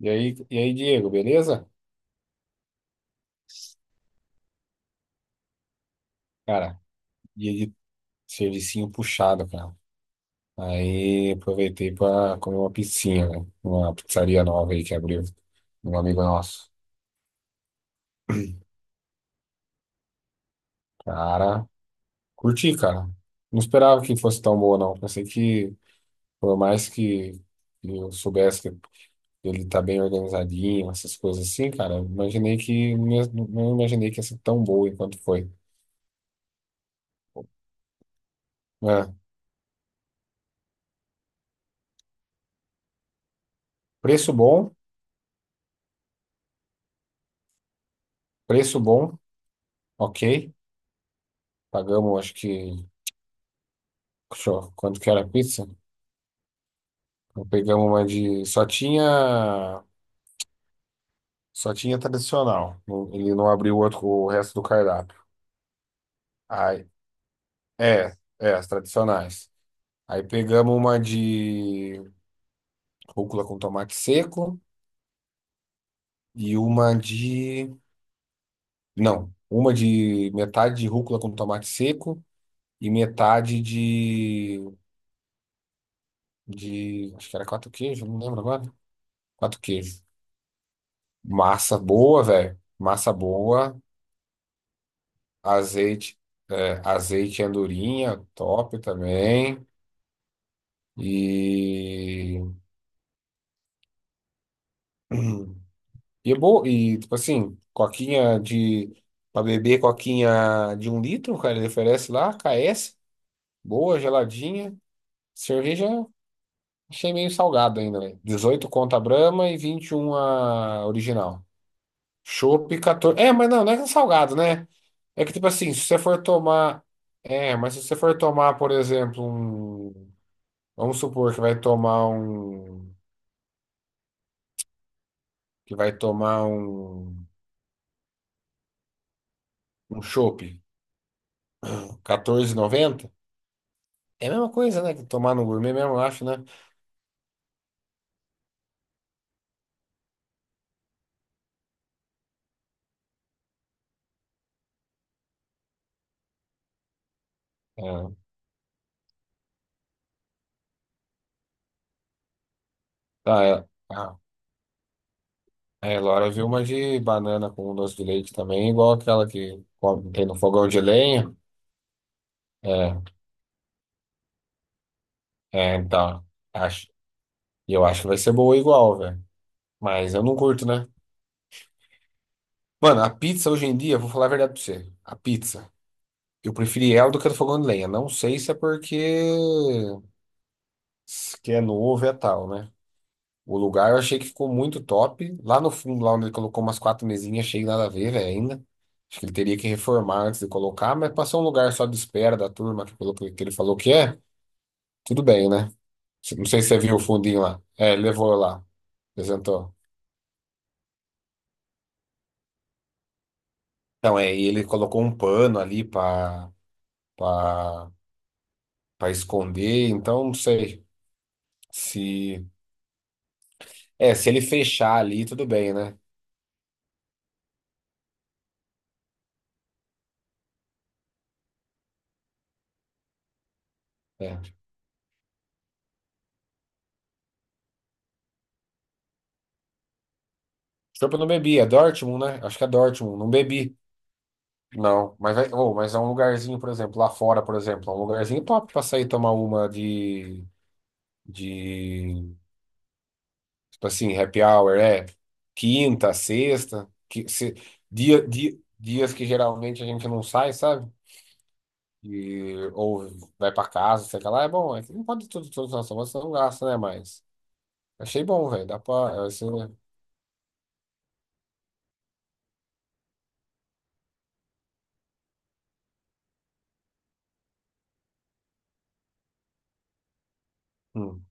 E aí, Diego, beleza? Cara, dia de servicinho puxado, cara. Aí aproveitei pra comer uma pizzinha, né? Uma pizzaria nova aí que abriu, de um amigo nosso. Cara, curti, cara. Não esperava que fosse tão boa, não. Pensei que, por mais que eu soubesse que ele tá bem organizadinho, essas coisas assim, cara, eu imaginei que, não imaginei que ia ser tão boa enquanto foi. É, preço bom, preço bom, ok. Pagamos, acho que. Show. Quanto que era a pizza? Então, pegamos uma de. Só tinha tradicional. Ele não abriu o outro, o resto do cardápio. Aí, é, as tradicionais. Aí pegamos uma de rúcula com tomate seco e uma de. Não, uma de metade de rúcula com tomate seco e metade de. Acho que era quatro queijos, não lembro agora. Quatro queijos. Massa boa, velho. Massa boa. Azeite, azeite e andorinha, top também. E, e é bom, e tipo assim, coquinha de para beber, coquinha de 1 litro, cara, ele oferece lá, KS, boa, geladinha. Cerveja, achei meio salgado ainda, velho. 18 conto a Brahma e 21 a original. Chopp 14. É, mas não é que é salgado, né? É que tipo assim, se você for tomar, é, mas se você for tomar, por exemplo, vamos supor que vai tomar que vai tomar um um chopp 14,90. É a mesma coisa, né? Que tomar no gourmet mesmo, eu acho, né? É, tá, é, ah, é, Laura viu uma de banana com um doce de leite também, igual aquela tem no fogão de lenha. É, é, então, acho, e eu acho que vai ser boa igual, velho. Mas eu não curto, né? Mano, a pizza hoje em dia, vou falar a verdade pra você. A pizza, eu preferi ela do que a do fogão de lenha. Não sei se é porque que é novo é tal, né? O lugar eu achei que ficou muito top. Lá no fundo, lá onde ele colocou umas quatro mesinhas, achei nada a ver, velho, ainda. Acho que ele teria que reformar antes de colocar, mas passou um lugar só de espera da turma que, colocou, que ele falou que é. Tudo bem, né? Não sei se você viu o fundinho lá. É, ele levou lá, apresentou. Então, é, e ele colocou um pano ali para esconder, então não sei se... É, se ele fechar ali, tudo bem, né? É. Desculpa, eu não bebi, é Dortmund, né? Acho que é Dortmund, não bebi. Não, mas, ô, mas é um lugarzinho, por exemplo, lá fora, por exemplo, é um lugarzinho top pra sair tomar uma de, tipo assim, happy hour, é quinta, sexta, que, se- dias que geralmente a gente não sai, sabe? E, ou vai pra casa, sei lá, é bom, é que não pode tudo, tudo, nossa, você não gasta, né? Mas achei bom, velho, dá pra, assim, né? Hum,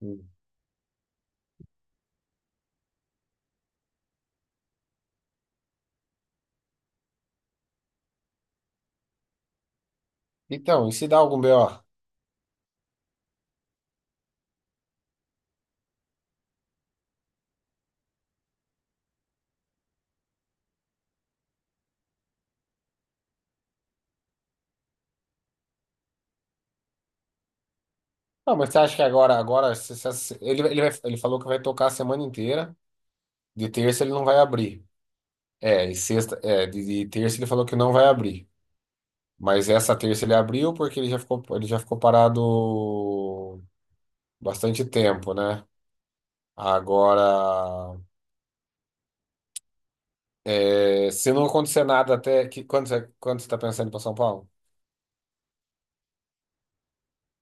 hum. Então, e se dá algum B.O.? Não, mas você acha que agora, ele, ele falou que vai tocar a semana inteira. De terça ele não vai abrir. É, e sexta, é, de terça ele falou que não vai abrir. Mas essa terça ele abriu porque ele já ficou parado bastante tempo, né? Agora, é, se não acontecer nada até que quando você está pensando para São Paulo?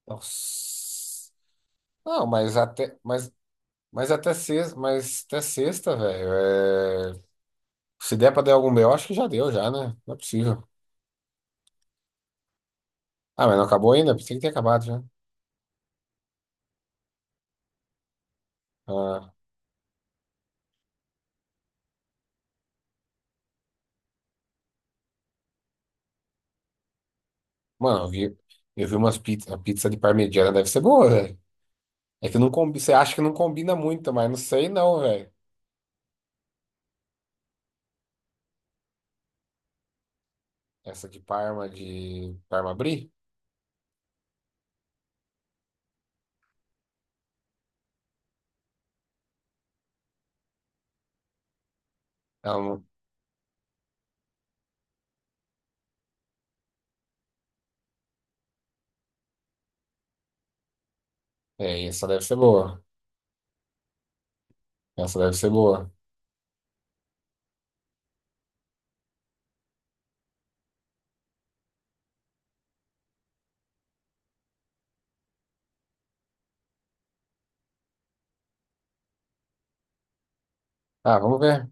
Nossa. Não, mas até sexta, velho. É, se der para dar algum B.O., acho que já deu já, né? Não é possível. Ah, mas não acabou ainda? Pensei que tinha acabado já. Ah. Mano, eu vi umas pizzas. A pizza de parmegiana deve ser boa, velho. É que não combi, você acha que não combina muito, mas não sei não, velho. Essa de Parma Brie? Ela não- É, essa deve ser boa. Essa deve ser boa. Ah, vamos ver.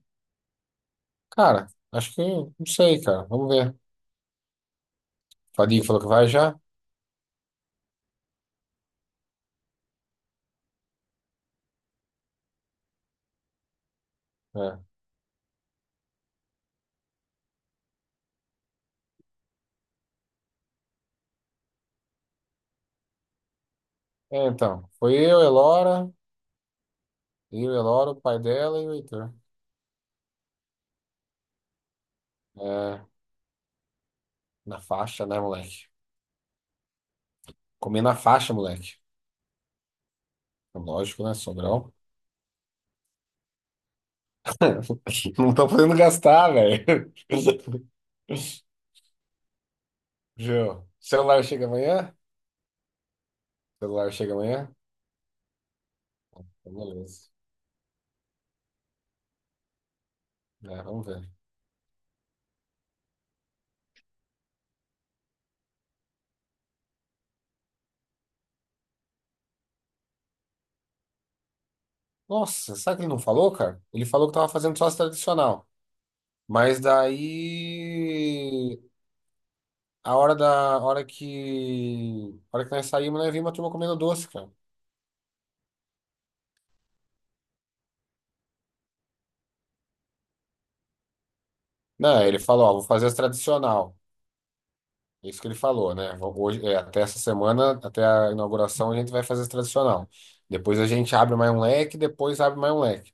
Cara, acho que. Não sei, cara. Vamos ver. Fadinho falou que vai já? É. É, então. Foi eu, Elora. Eu, Elora, o pai dela e o Heitor. É, na faixa, né, moleque? Comer na faixa, moleque. Lógico, né? Sobrão. Não estão podendo gastar, velho. Viu? Celular chega amanhã? Então, beleza. É, vamos ver. Nossa, sabe o que ele não falou, cara? Ele falou que tava fazendo sócio tradicional. Mas daí. A hora da. A hora que. A hora que nós saímos, nós vimos a turma comendo doce, cara. Não, ele falou, ó, vou fazer as tradicional. Isso que ele falou, né? Hoje, é, até essa semana, até a inauguração, a gente vai fazer esse tradicional. Depois a gente abre mais um leque, depois abre mais um leque.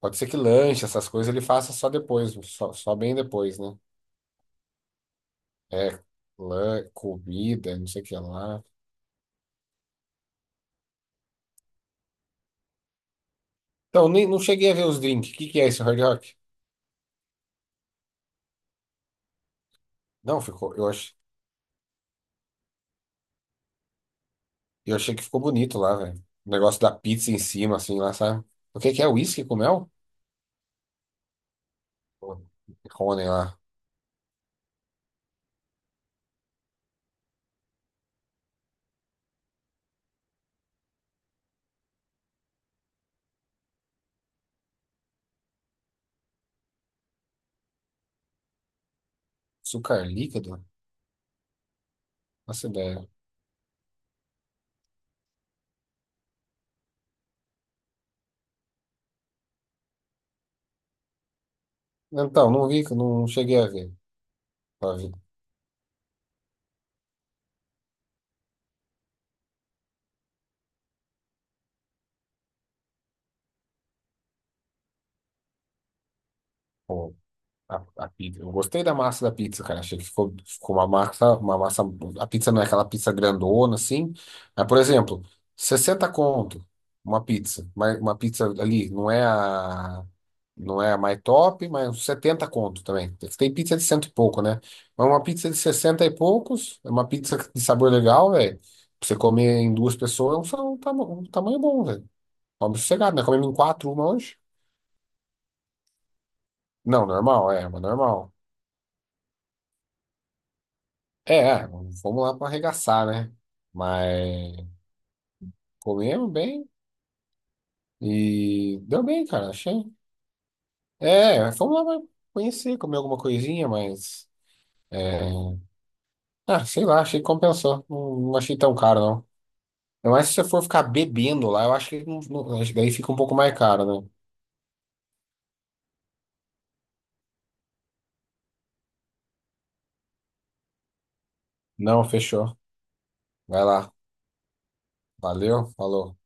Pode ser que lanche, essas coisas, ele faça só depois, só bem depois, né? É, comida, não sei o que lá. Então, nem, não cheguei a ver os drinks. O que que é esse Hard Rock? Não, eu achei que ficou bonito lá, velho. O negócio da pizza em cima, assim, lá, sabe? O que que é? Whisky com mel? Pô, Rony lá. Açúcar líquido? Nossa ideia. Então, não vi, não cheguei a ver. Pra ver pô, a pizza. Eu gostei da massa da pizza, cara. Achei que ficou uma massa, uma massa. A pizza não é aquela pizza grandona, assim. Mas, por exemplo, 60 conto uma pizza. Mas uma pizza ali, não é a. Não é a mais top, mas uns 70 conto também. Tem pizza de cento e pouco, né? Mas uma pizza de 60 e poucos, é uma pizza de sabor legal, velho. Pra você comer em duas pessoas, é um tamanho bom, velho. Vamos sossegado, né? Comemos em quatro uma hoje. Não, normal, é, mas normal. É, fomos lá pra arregaçar, né? Mas comemos bem e deu bem, cara, achei. É, fomos lá pra conhecer, comer alguma coisinha, mas. é, Ah, sei lá, achei que compensou. Não, não achei tão caro, não. Ainda mais se você for ficar bebendo lá, eu acho que acho que daí fica um pouco mais caro, né? Não, fechou. Vai lá. Valeu, falou.